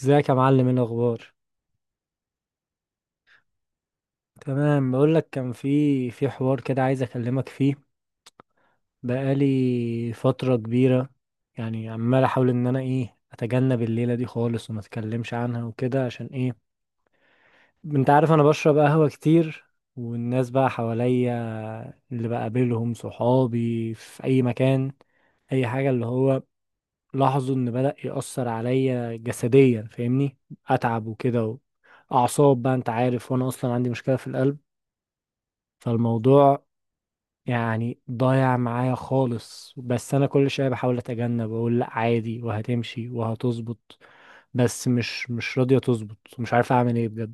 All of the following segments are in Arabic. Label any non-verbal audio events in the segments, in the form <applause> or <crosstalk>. ازيك يا معلم، ايه الاخبار؟ تمام، بقول لك كان في حوار كده عايز اكلمك فيه. بقالي فتره كبيره. يعني عمال احاول ان انا ايه اتجنب الليله دي خالص وما اتكلمش عنها وكده، عشان ايه؟ انت عارف انا بشرب قهوه كتير، والناس بقى حواليا، اللي بقابلهم صحابي في اي مكان، اي حاجه، اللي هو لاحظوا ان بدأ يأثر عليا جسديا، فاهمني؟ اتعب وكده، اعصاب بقى، انت عارف، وانا اصلا عندي مشكله في القلب. فالموضوع يعني ضايع معايا خالص، بس انا كل شويه بحاول اتجنب واقول لا عادي وهتمشي وهتظبط. بس مش راضيه تظبط، ومش عارف اعمل ايه بجد.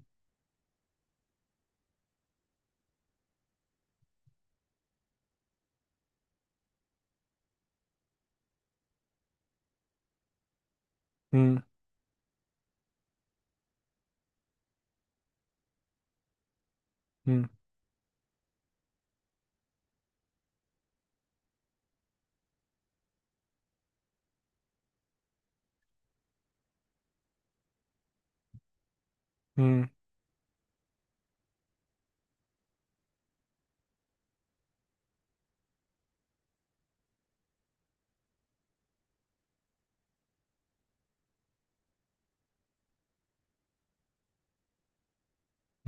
مم. مم. مم.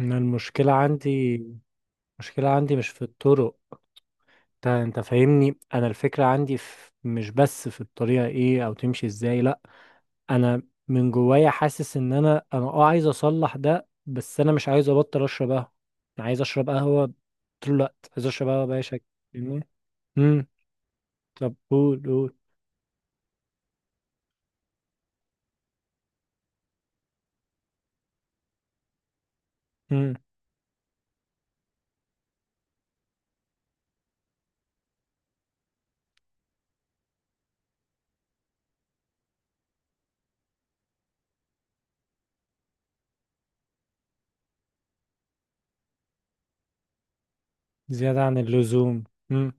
انا، المشكله عندي، المشكله عندي مش في الطرق. انت فاهمني؟ انا الفكره عندي في، مش بس في الطريقه ايه او تمشي ازاي، لا. انا، من جوايا حاسس ان انا عايز اصلح ده، بس انا مش عايز ابطل اشرب قهوه. انا عايز اشرب قهوه، طول الوقت عايز اشرب قهوه باي شكل. فاهمني؟ امم. طب قول قول. امم. زياده عن اللزوم. امم.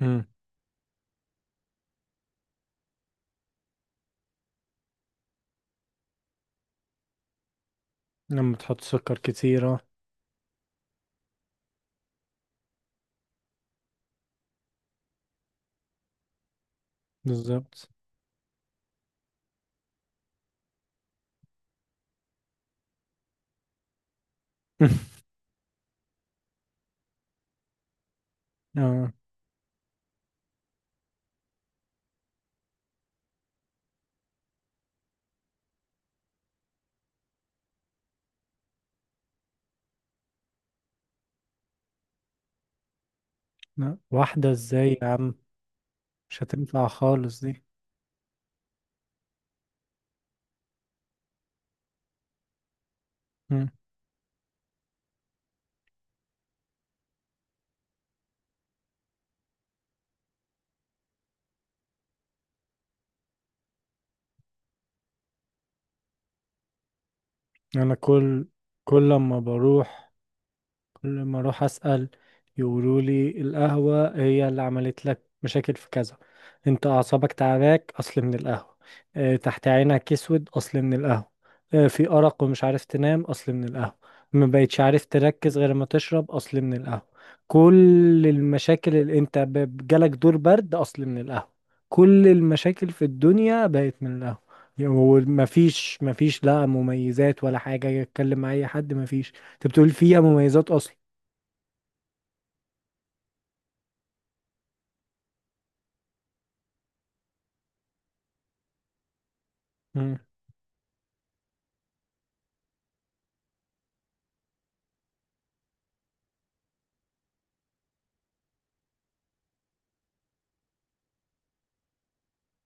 امم. لما تحط سكر كتير، اه. بالظبط. <laughs> اه. لا، واحده ازاي يا عم؟ مش هتنفع خالص دي. امم. انا كل كل لما بروح كل ما اروح اسال، يقولوا لي القهوه هي اللي عملت لك مشاكل في كذا. انت اعصابك تعباك، اصل من القهوه. اه، تحت عينك اسود، اصل من القهوه. اه، في ارق ومش عارف تنام، اصل من القهوه. ما بقتش عارف تركز غير ما تشرب، اصل من القهوه. كل المشاكل اللي انت جالك دور برد، اصل من القهوه. كل المشاكل في الدنيا بقت من القهوه. ومفيش مفيش لا مميزات ولا حاجة يتكلم مع أي حد مفيش. انت بتقول فيها مميزات اصلا؟ مم.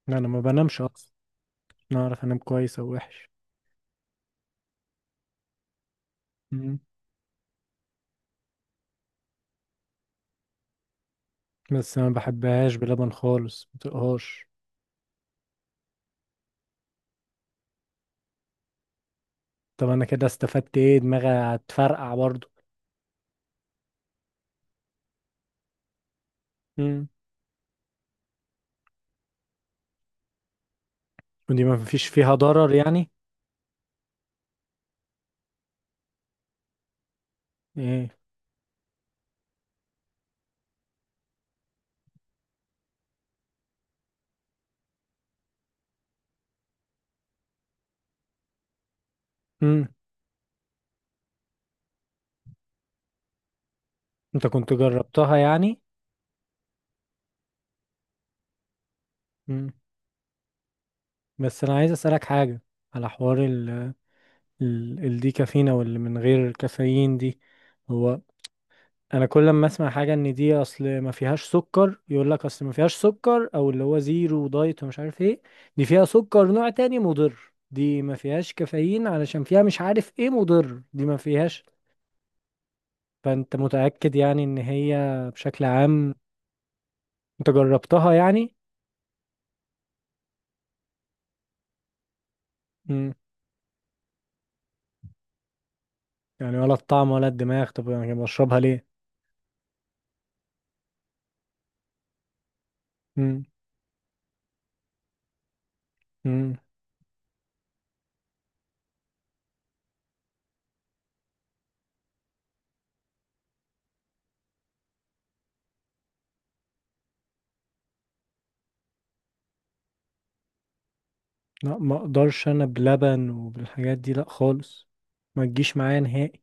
لا، انا ما بنامش اصلا. انا اعرف انام كويس او وحش. مم. بس انا ما بحبهاش بلبن خالص، ما طيقهاش. طب انا كده استفدت ايه، دماغي هتفرقع برضو. مم. ودي ما فيش فيها ضرر يعني؟ ايه؟ مم. انت كنت جربتها يعني؟ مم. بس انا عايز اسالك حاجه، على حوار ال ال الديكافينا واللي من غير كافيين دي. هو انا كل ما اسمع حاجه ان دي اصل ما فيهاش سكر، يقول لك اصل ما فيهاش سكر او اللي هو زيرو دايت ومش عارف ايه، دي فيها سكر نوع تاني مضر، دي ما فيهاش كافيين علشان فيها مش عارف ايه مضر، دي ما فيهاش. فانت متاكد يعني ان هي بشكل عام؟ انت جربتها يعني؟ امم. يعني ولا الطعم ولا الدماغ، طب يعني بشربها ليه؟ امم. امم. لا، ما اقدرش انا بلبن وبالحاجات دي، لا خالص. ما تجيش معايا نهائي.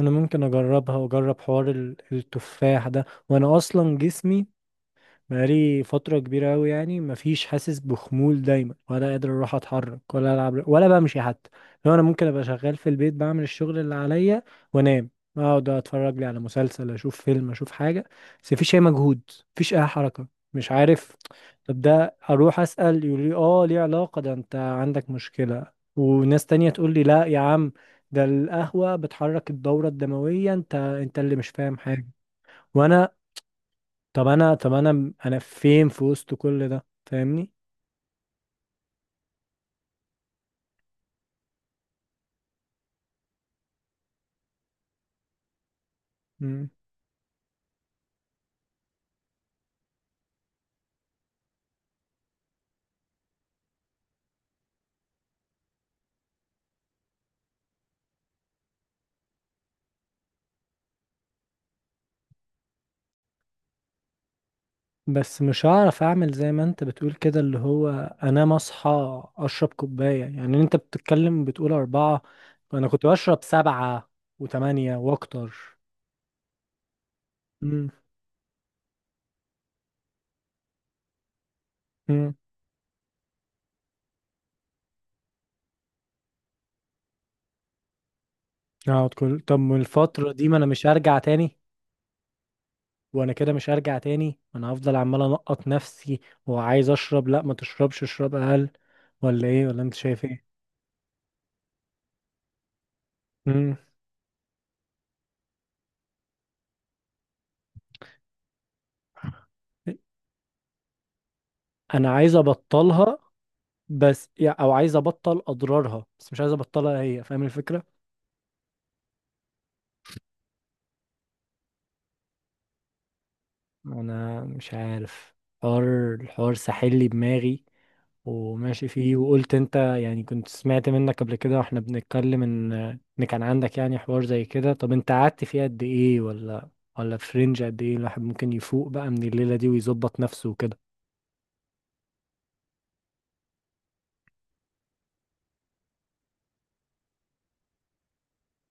انا ممكن اجربها واجرب حوار التفاح ده، وانا اصلا جسمي بقالي فترة كبيرة أوي يعني، مفيش، حاسس بخمول دايما، ولا قادر أروح أتحرك ولا ألعب ولا بمشي حتى. لو أنا ممكن أبقى شغال في البيت، بعمل الشغل اللي عليا وأنام، أقعد أتفرج لي على مسلسل، أشوف فيلم، أشوف حاجة. بس مفيش أي مجهود، مفيش أي حركة، مش عارف. طب ده أروح أسأل يقول لي آه ليه علاقة، ده أنت عندك مشكلة، وناس تانية تقول لي لا يا عم، ده القهوة بتحرك الدورة الدموية، أنت اللي مش فاهم حاجة. وانا، طب انا فين في وسط كل ده، فاهمني؟ مم. بس مش هعرف اعمل زي ما انت بتقول كده، اللي هو انام، اصحى اشرب كوباية، يعني انت بتتكلم بتقول 4. انا كنت بشرب 7 و8 واكتر. مم. مم. اقعد كل طب والفترة دي، ما انا مش هرجع تاني. وانا كده مش هرجع تاني، وانا هفضل عمال انقط نفسي، وعايز اشرب، لا ما تشربش اشرب اقل، ولا ايه، ولا انت شايف ايه؟ مم. انا عايز ابطلها. بس او عايز ابطل اضرارها، بس مش عايز ابطلها هي، فاهم الفكره؟ انا مش عارف. الحوار ساحل لي دماغي، وماشي فيه، وقلت انت يعني كنت سمعت منك قبل كده واحنا بنتكلم ان، ان كان عندك يعني حوار زي كده، طب انت قعدت فيه قد ايه، ولا ولا في رينج قد ايه الواحد ممكن يفوق بقى من الليله دي ويظبط نفسه وكده؟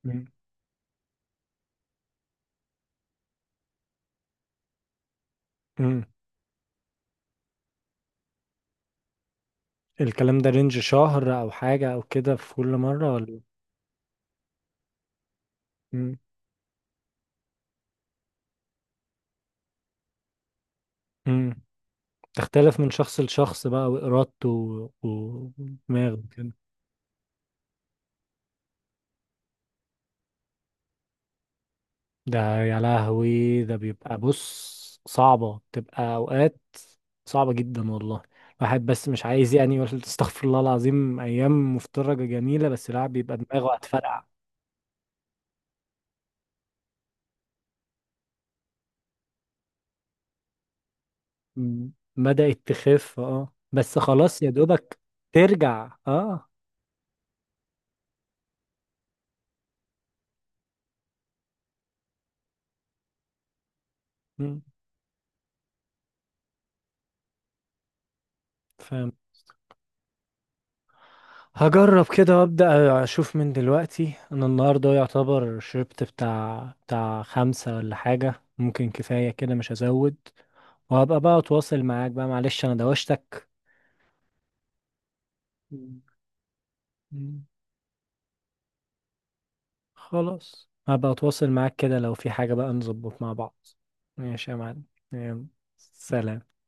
مم. مم. الكلام ده رينج شهر او حاجه او كده في كل مره، ولا؟ مم. مم. تختلف من شخص لشخص بقى، وإرادته ودماغه كده. ده يا لهوي، ده بيبقى، بص، صعبة بتبقى أوقات، صعبة جدا والله. الواحد بس مش عايز يعني يقول <laughs> استغفر الله العظيم، أيام مفترجة جميلة، بس لا بيبقى دماغه هتفرقع. م- بدأت تخف، اه، بس خلاص يا دوبك. ترجع، اه. م. فاهم. هجرب كده وابدا اشوف من دلوقتي، انا النهارده يعتبر شربت بتاع 5 ولا حاجة، ممكن كفاية كده مش هزود. وهبقى بقى اتواصل معاك بقى، معلش انا دوشتك. مم. مم. خلاص، هبقى اتواصل معاك كده، لو في حاجة بقى نظبط مع بعض. ماشي يا معلم. يلا، سلام.